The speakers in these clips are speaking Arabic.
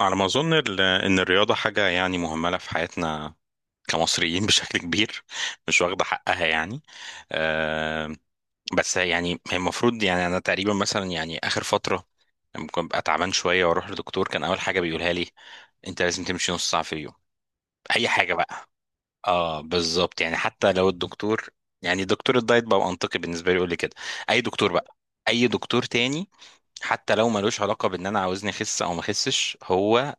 على ما أظن إن الرياضة حاجة، يعني، مهملة في حياتنا كمصريين بشكل كبير. مش واخدة حقها يعني. آه، بس يعني هي المفروض، يعني، أنا تقريبا مثلا يعني آخر فترة ممكن أبقى تعبان شوية وأروح لدكتور. كان أول حاجة بيقولها لي: أنت لازم تمشي نص ساعة في اليوم. أي حاجة بقى. أه، بالظبط. يعني حتى لو الدكتور، يعني دكتور الدايت، بقى منطقي بالنسبة لي يقول لي كده. أي دكتور بقى، أي دكتور تاني، حتى لو ملوش علاقة بإن أنا عاوزني أخس أو ما أخسش. هو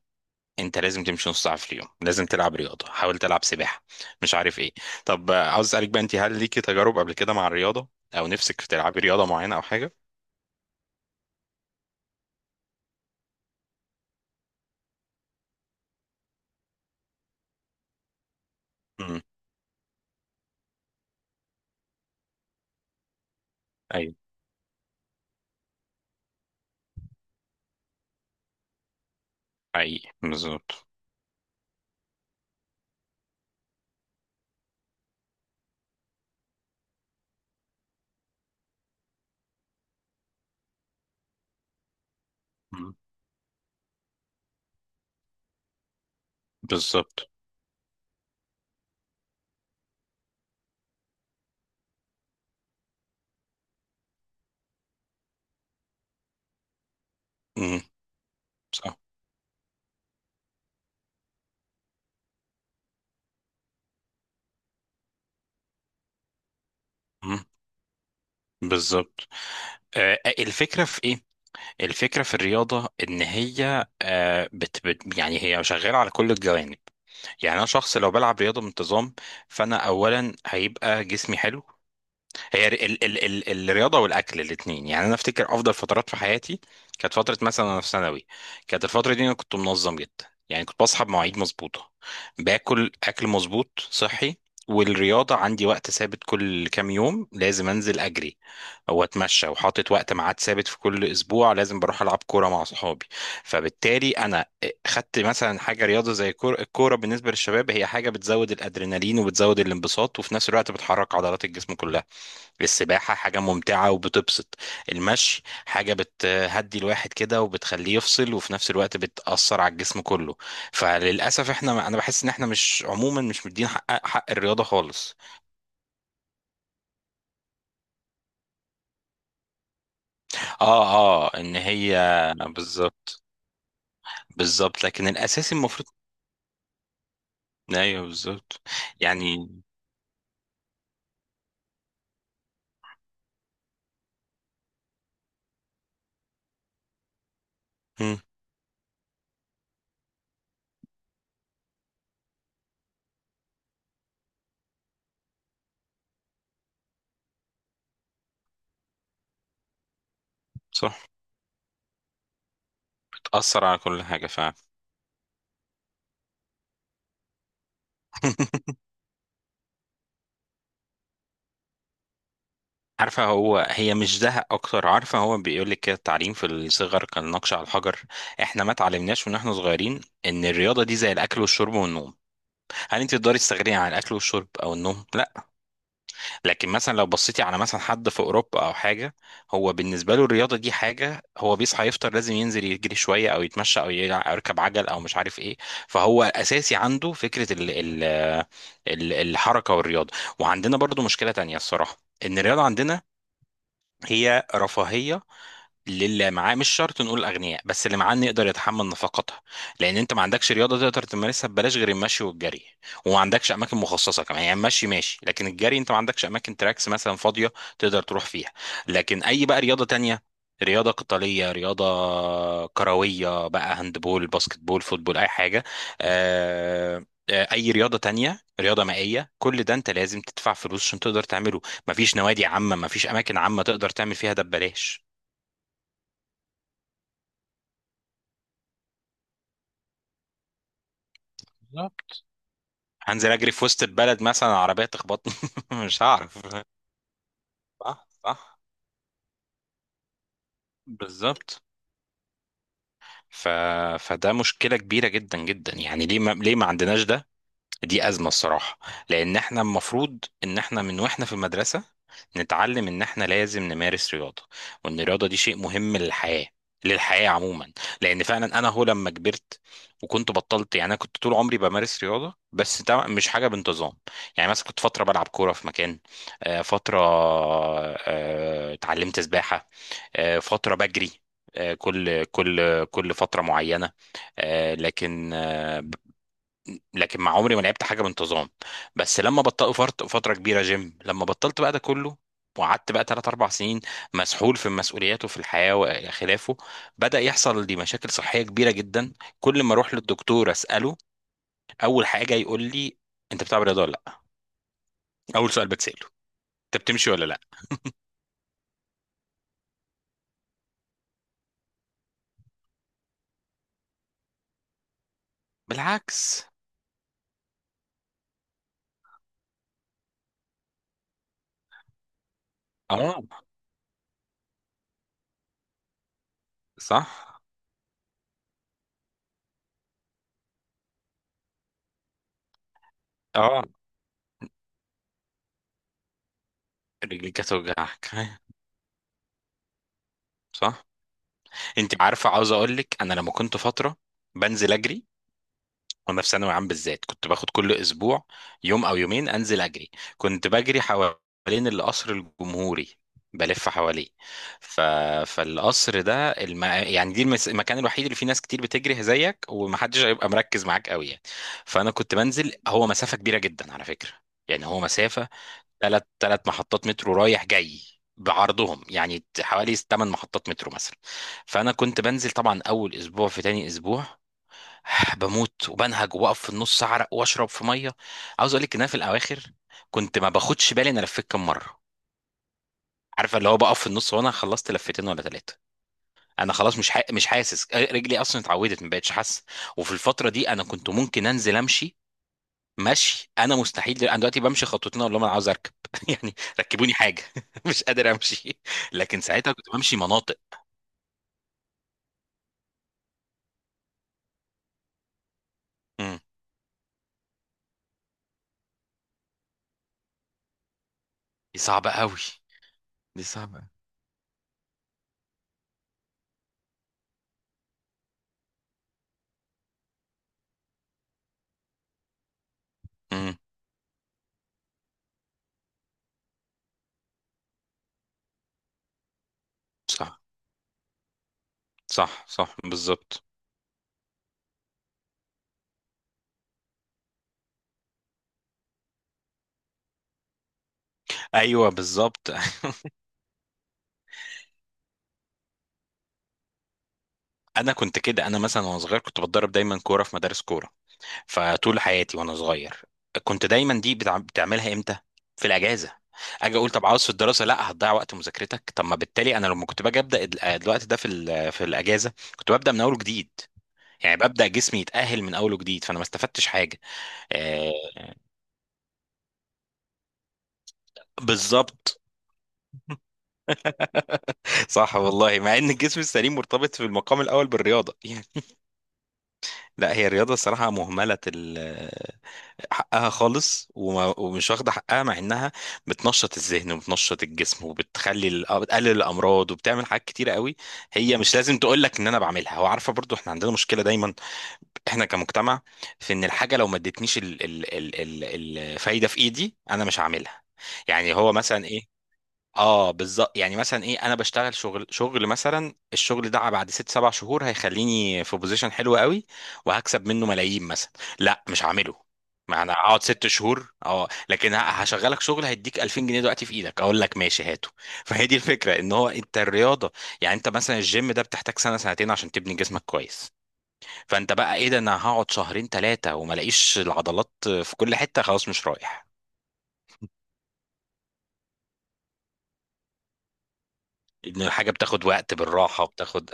انت لازم تمشي نص ساعه في اليوم، لازم تلعب رياضه، حاول تلعب سباحه، مش عارف ايه. طب آه، عاوز اسالك بقى انت، هل ليكي تجارب قبل كده مع الرياضه، او نفسك في تلعبي رياضه معينه او حاجه؟ امم. ايوه، حقيقي، بالظبط. مم. بالظبط. امم. صح. مم. بالظبط. آه. آه، الفكره في ايه؟ الفكره في الرياضه ان هي آه بت يعني هي شغاله على كل الجوانب. يعني انا شخص لو بلعب رياضه بانتظام، فانا اولا هيبقى جسمي حلو. هي ال الرياضه والاكل الاثنين، يعني انا افتكر افضل فترات في حياتي كانت فتره مثلا انا في ثانوي. كانت الفتره دي انا كنت منظم جدا، يعني كنت بصحى بمواعيد مظبوطه، باكل اكل مظبوط صحي، والرياضه عندي وقت ثابت كل كام يوم لازم انزل اجري او اتمشى، وحاطط وقت ميعاد ثابت في كل اسبوع لازم بروح العب كوره مع صحابي. فبالتالي انا خدت مثلا حاجه رياضه زي الكوره. الكوره بالنسبه للشباب هي حاجه بتزود الادرينالين وبتزود الانبساط، وفي نفس الوقت بتحرك عضلات الجسم كلها. السباحة حاجة ممتعة وبتبسط. المشي حاجة بتهدي الواحد كده وبتخليه يفصل، وفي نفس الوقت بتأثر على الجسم كله. فللأسف احنا، أنا بحس إن احنا مش عموما، مش مدين حق الرياضة خالص. اه. اه، إن هي بالظبط. بالظبط، لكن الأساسي المفروض. أيوه، بالظبط، يعني. مم، صح، بتأثر على كل حاجة فعلا. عارفة، هو هي مش زهق أكتر. عارفة، هو بيقول لك كده، التعليم في الصغر كان نقش على الحجر. إحنا ما اتعلمناش ونحن صغيرين إن الرياضة دي زي الأكل والشرب والنوم. هل أنت تقدري تستغني عن الأكل والشرب أو النوم؟ لا. لكن مثلا لو بصيتي على مثلا حد في أوروبا أو حاجة، هو بالنسبة له الرياضة دي حاجة، هو بيصحى يفطر لازم ينزل يجري شوية أو يتمشى أو أو يركب عجل أو مش عارف إيه. فهو أساسي عنده فكرة الحركة والرياضة. وعندنا برضو مشكلة تانية الصراحة، ان الرياضه عندنا هي رفاهية للي معاه، مش شرط نقول الاغنياء، بس اللي معاه إنه يقدر يتحمل نفقاتها. لان انت ما عندكش رياضه تقدر تمارسها ببلاش غير المشي والجري. وما عندكش اماكن مخصصه كمان، يعني المشي ماشي، لكن الجري انت ما عندكش اماكن تراكس مثلا فاضيه تقدر تروح فيها. لكن اي بقى رياضه تانية، رياضة قتالية، رياضة كروية بقى، هاندبول، باسكتبول، فوتبول، أي حاجة. آه، آه، أي رياضة تانية، رياضة مائية، كل ده أنت لازم تدفع فلوس عشان تقدر تعمله. مفيش نوادي عامة، مفيش أماكن عامة تقدر تعمل فيها ده ببلاش. بالظبط. هنزل اجري في وسط البلد مثلا؟ عربيه تخبطني مش هعرف. صح، بالظبط. ف... فده مشكله كبيره جدا جدا، يعني ليه ما... ليه ما عندناش ده؟ دي أزمة الصراحة. لأن احنا المفروض إن احنا من واحنا في المدرسة نتعلم إن احنا لازم نمارس رياضة، وإن الرياضة دي شيء مهم للحياة، للحياة عموما. لأن فعلا أنا، هو لما كبرت وكنت بطلت، يعني أنا كنت طول عمري بمارس رياضة، بس طبعاً مش حاجة بانتظام. يعني مثلا كنت فترة بلعب كورة في مكان. آه، فترة آه، اتعلمت سباحة. آه، فترة بجري. آه، كل فترة معينة. آه، لكن آه، لكن مع عمري ما لعبت حاجه بانتظام. بس لما بطلت فتره كبيره جيم، لما بطلت بقى ده كله، وقعدت بقى 3 4 سنين مسحول في مسؤولياته في الحياه وخلافه، بدا يحصل لي مشاكل صحيه كبيره جدا. كل ما اروح للدكتور اساله، اول حاجه يقول لي: انت بتلعب رياضه ولا لا؟ اول سؤال بتساله: انت بتمشي ولا لا؟ بالعكس. اه. صح. اه، رجليك هتوجعك، أيوة. صح. انت عارفه، عاوز اقول لك، انا لما كنت فتره بنزل اجري وانا في ثانوي عام بالذات، كنت باخد كل اسبوع يوم او يومين انزل اجري. كنت بجري حوالين القصر الجمهوري، بلف حواليه. ف... فالقصر ده يعني دي المكان الوحيد اللي فيه ناس كتير بتجري زيك ومحدش هيبقى مركز معاك قوي يعني. فانا كنت بنزل، هو مسافة كبيرة جدا على فكرة، يعني هو مسافة ثلاث محطات مترو رايح جاي، بعرضهم يعني حوالي 8 محطات مترو مثلا. فانا كنت بنزل طبعا، اول اسبوع في تاني اسبوع بموت وبنهج وبقف في النص اعرق واشرب في ميه. عاوز اقول لك ان انا في الاواخر كنت ما باخدش بالي انا لفيت كام مره. عارفه، اللي هو بقف في النص وانا خلصت لفتين ولا ثلاثه. انا خلاص مش حاسس رجلي اصلا، اتعودت ما بقتش حاسه. وفي الفتره دي انا كنت ممكن انزل امشي، مشي. انا مستحيل انا دلوقتي بمشي خطوتين اقول لهم انا عاوز اركب يعني ركبوني حاجه مش قادر امشي. لكن ساعتها كنت بمشي مناطق. امم. دي صعبه قوي. دي صعبة. امم. صح صح صح، بالظبط. ايوه، بالظبط. انا كنت كده، انا مثلا وانا صغير كنت بتدرب دايما كوره في مدارس كوره. فطول حياتي وانا صغير، كنت دايما دي بتعملها امتى؟ في الاجازه. اجي اقول طب عاوز في الدراسه، لا هتضيع وقت مذاكرتك. طب ما بالتالي انا لما كنت باجي ابدا آه، الوقت ده في في الاجازه كنت ببدا من اول وجديد. يعني ببدا جسمي يتاهل من اول وجديد، فانا ما استفدتش حاجه. آه، بالظبط. صح والله، مع ان الجسم السليم مرتبط في المقام الاول بالرياضه لا هي الرياضة الصراحة مهملة، حقها خالص، ومش واخدة حقها، مع إنها بتنشط الذهن وبتنشط الجسم وبتخلي آه، بتقلل الأمراض وبتعمل حاجات كتيرة قوي. هي مش لازم تقول لك إن أنا بعملها. وعارفة برضو إحنا عندنا مشكلة دايما، إحنا كمجتمع، في إن الحاجة لو ما ادتنيش الفايدة في إيدي أنا مش هعملها. يعني هو مثلا إيه، اه بالظبط. يعني مثلا ايه، انا بشتغل شغل، مثلا الشغل ده بعد ست سبع شهور هيخليني في بوزيشن حلو قوي وهكسب منه ملايين مثلا، لا مش هعمله. ما انا اقعد ست شهور اه، لكن هشغلك شغل هيديك 2000 جنيه دلوقتي في ايدك، اقول لك ماشي هاته فهي دي الفكره، ان هو انت الرياضه، يعني انت مثلا الجيم ده بتحتاج سنه سنتين عشان تبني جسمك كويس. فانت بقى ايه ده، انا هقعد شهرين ثلاثه وما الاقيش العضلات في كل حته، خلاص مش رايح. ان الحاجه بتاخد وقت بالراحه وبتاخد.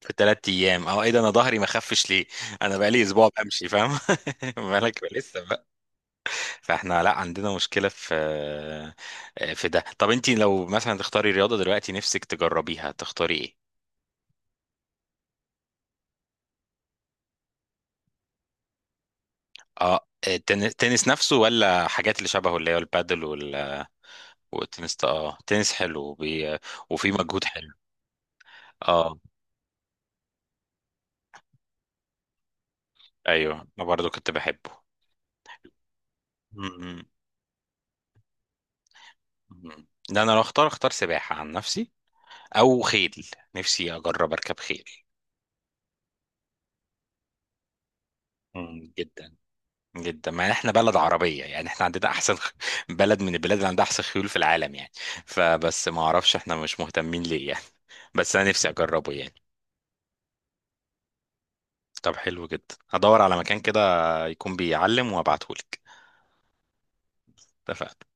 في تلات ايام اه، ايه ده، انا ظهري ما خفش ليه، انا بقالي اسبوع بمشي، فاهم مالك بقى لسه بقى. فاحنا لا عندنا مشكله في آه، في ده. طب انت لو مثلا تختاري رياضه دلوقتي نفسك تجربيها، تختاري ايه؟ اه، التنس نفسه ولا حاجات اللي شبهه، اللي هو البادل والتنس ده؟ اه، تنس حلو وفي مجهود حلو. اه، ايوه، انا برضو كنت بحبه. م- م- م. ده انا لو اختار، اختار سباحه عن نفسي، او خيل. نفسي اجرب اركب خيل. مم، جدا. جدا، ما احنا بلد عربية، يعني احنا عندنا احسن بلد من البلاد اللي عندها احسن خيول في العالم يعني. فبس ما اعرفش احنا مش مهتمين ليه يعني. بس انا نفسي اجربه يعني. طب حلو جدا، هدور على مكان كده يكون بيعلم وابعتهولك. اتفقنا.